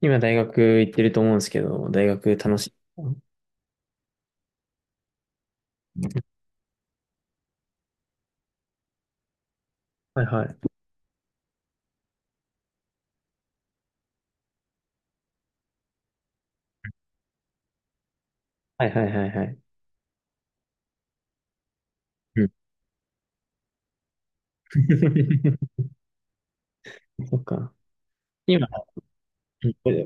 今大学行ってると思うんですけど、大学楽しい？はいはい。はいはいはいはい。うん。 そっか。今、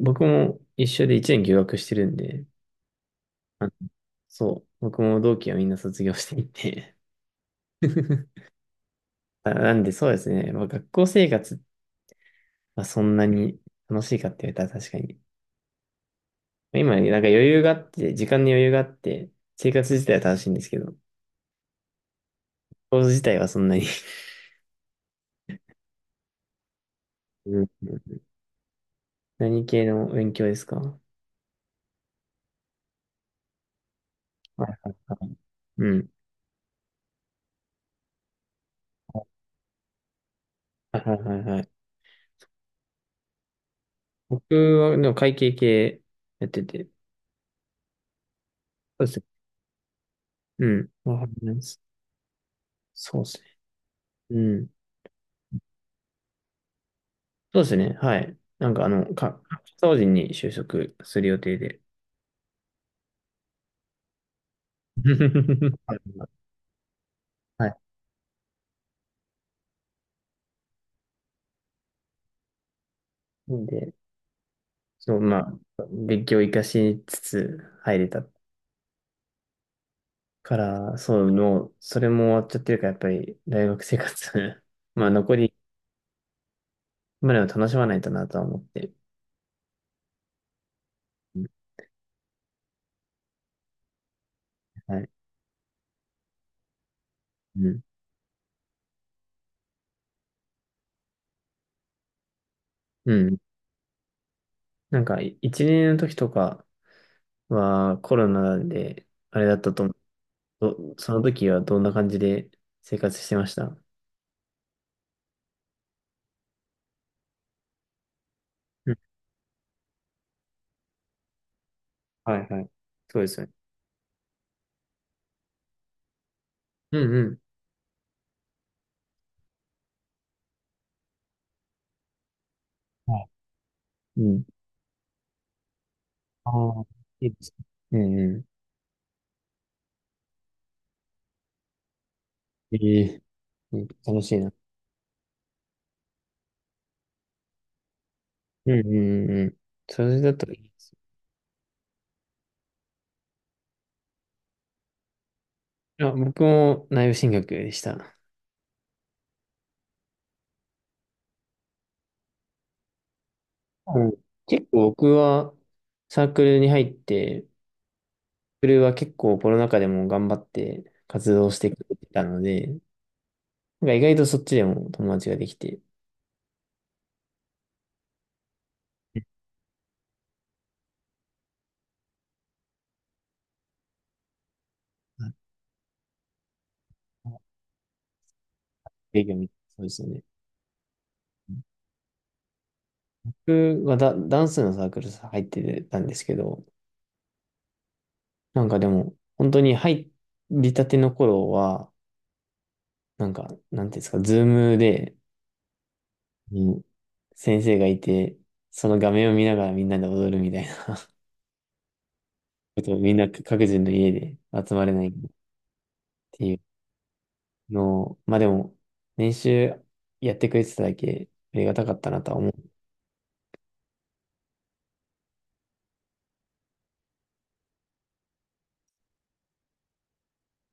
僕も一緒で1年休学してるんで、あそう、僕も同期はみんな卒業していて。あなんでそうですね、まあ、学校生活はそんなに楽しいかって言われたら確かに。今、なんか余裕があって、時間に余裕があって、生活自体は楽しいんですけど、コース自体はそんなに。 うん。何系の勉強ですか？はいはいはい。うん。はいはいはいはい。僕は、でも会計系やってて。そうですね。うん。わかります。そうですね。うん。そうですね。はい。なんかあの、法人に就職する予定で。はいはい。なんで、そう、まあ、勉強を活かしつつ入れたから、そう、もう、それも終わっちゃってるから、やっぱり大学生活。 まあ、残りまでを楽しまないとなとは思って。うん、はい。うん。うん。なんか、一年の時とかはコロナで、あれだったと思う。その時はどんな感じで生活してました？うん、はいはい。そうですよね。うん、はい、うん。はい、うん。ああ、いいですね。うんうん。ええ、うん、楽しいな。うんうんうん。それだったらいいですよ。あ、僕も内部進学でした。うん。結構僕はサークルに入って、サークルは結構コロナ禍でも頑張って活動してくれてたので、なんか意外とそっちでも友達ができて、営業みたいな、そうですよね。僕はダンスのサークル入ってたんですけど、なんかでも、本当に入りたての頃は、なんか、なんていうんですか、ズームで、うん、先生がいて、その画面を見ながらみんなで踊るみたいなことをみんな各自の家で集まれないっていうのを、まあでも、練習やってくれてただけありがたかったなとは思う。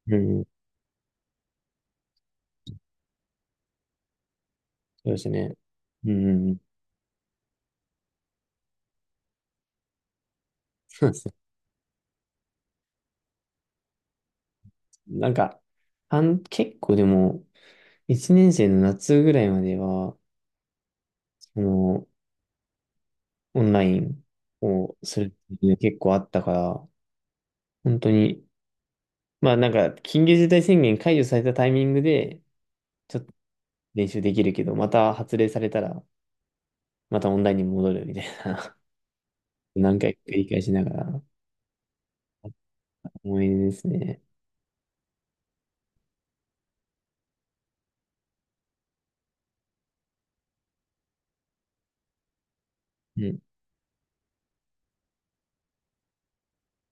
うん、そうですね。うん、うんうん、そうですね。なんか、あん、結構でも、1年生の夏ぐらいまでは、その、オンラインをするっていう結構あったから、本当に、まあなんか、緊急事態宣言解除されたタイミングで、ちょっと練習できるけど、また発令されたら、またオンラインに戻るみたいな、何回か繰り返しながら、思い出ですね。うん。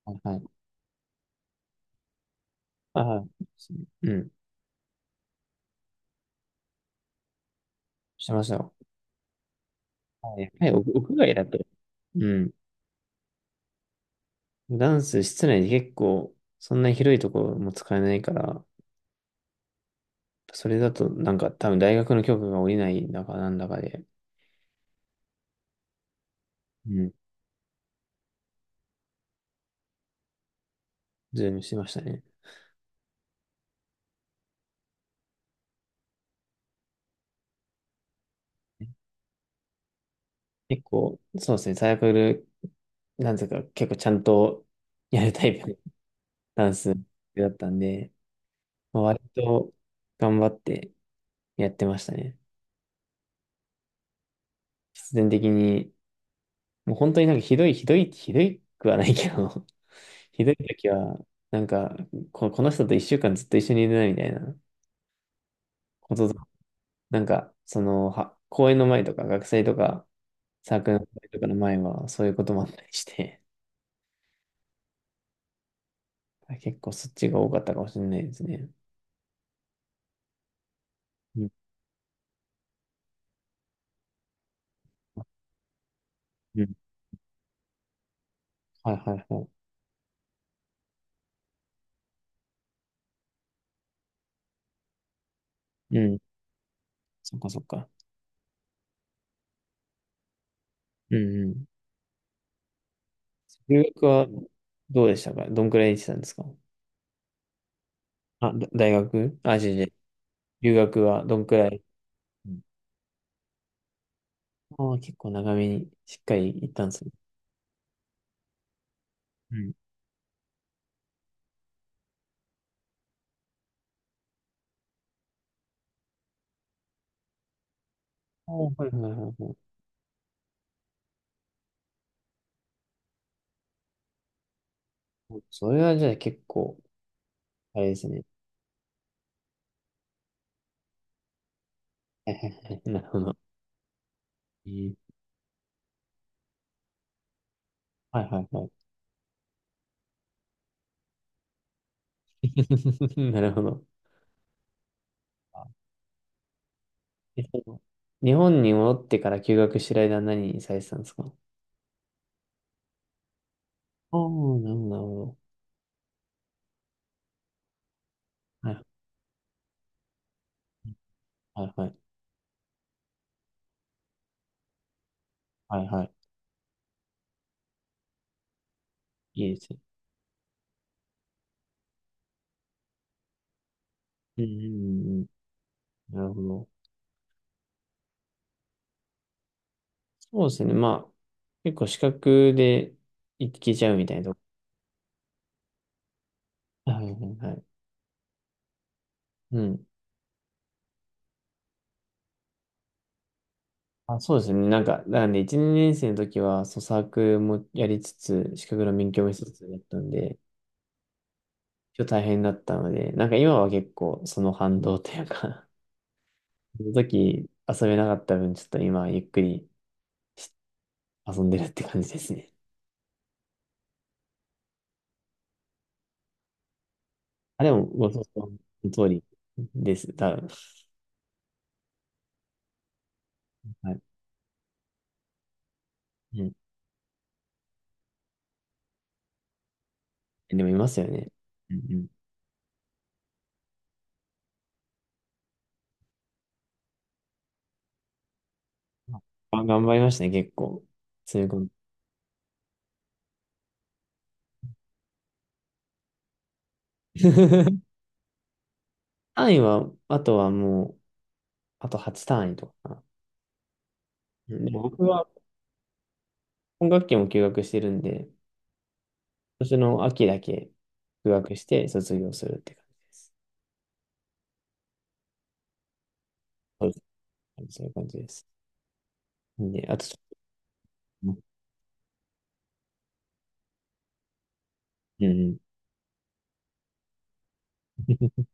はいはい。ああ、うん。してましたよ。はい。はい、屋屋外だと。うん。ダンス室内で結構、そんな広いところも使えないから、それだとなんか多分大学の許可が下りないんだかなんだかで、うん、ズームしてましたね。結構、そうですね、サークル、なんていうか結構ちゃんとやるタイプの ダンスだったんで、まあ割と頑張ってやってましたね。必然的に、もう本当になんかひどい、ひどい、ひどいくはないけど、ひどい時は、なんかこの人と一週間ずっと一緒にいるなみたいな。こと、なんか、その、は、公演の前とか、学祭とか、サークルの会とかの前は、そういうこともあったりして、結構そっちが多かったかもしれないですね。うん、うん。はいはいはい。うん。そっかそっか。うんうん。留学はどうでしたか？どんくらい行ってたんですか？あ、大学、あ、違う違う。留学はどんくらい？うん。ああ、結構長めにしっかり行ったんですね。うん。おー、はいはいはいはい。それはじゃあ結構、あれですね。はいはいはい、なるほど。えー、はいはいはい。なるほど。あ、えっと、日本に戻ってから休学してる間は何にされてたんですか？ああ、なるほど、なるほど。はいはいはい。はいはい。いいですね。うんうんうん、なるほど。そうですね。まあ、結構資格でいけちゃうみたいなとこ。はいはいはい。うん。あ、そうですね。なんか、なんで、1、年生の時は、そう、サークルもやりつつ、資格の勉強もしつつだったんで、ちょっと大変だったので、なんか今は結構その反動というかその時遊べなかった分、ちょっと今ゆっくり遊んでるって感じですね。あ、でも、ご想像の通りです。多分。はい。うん。でもいますよね。うんうん。あ、頑張りましたね、結構。そういうこと。単位は、あとはもう、あと8単位とかかな。うんでも僕は今学期も休学してるんで、今年の秋だけ休学して卒業するって感じです。そうです、そういう感じです。で、あとちょっと、うんうん。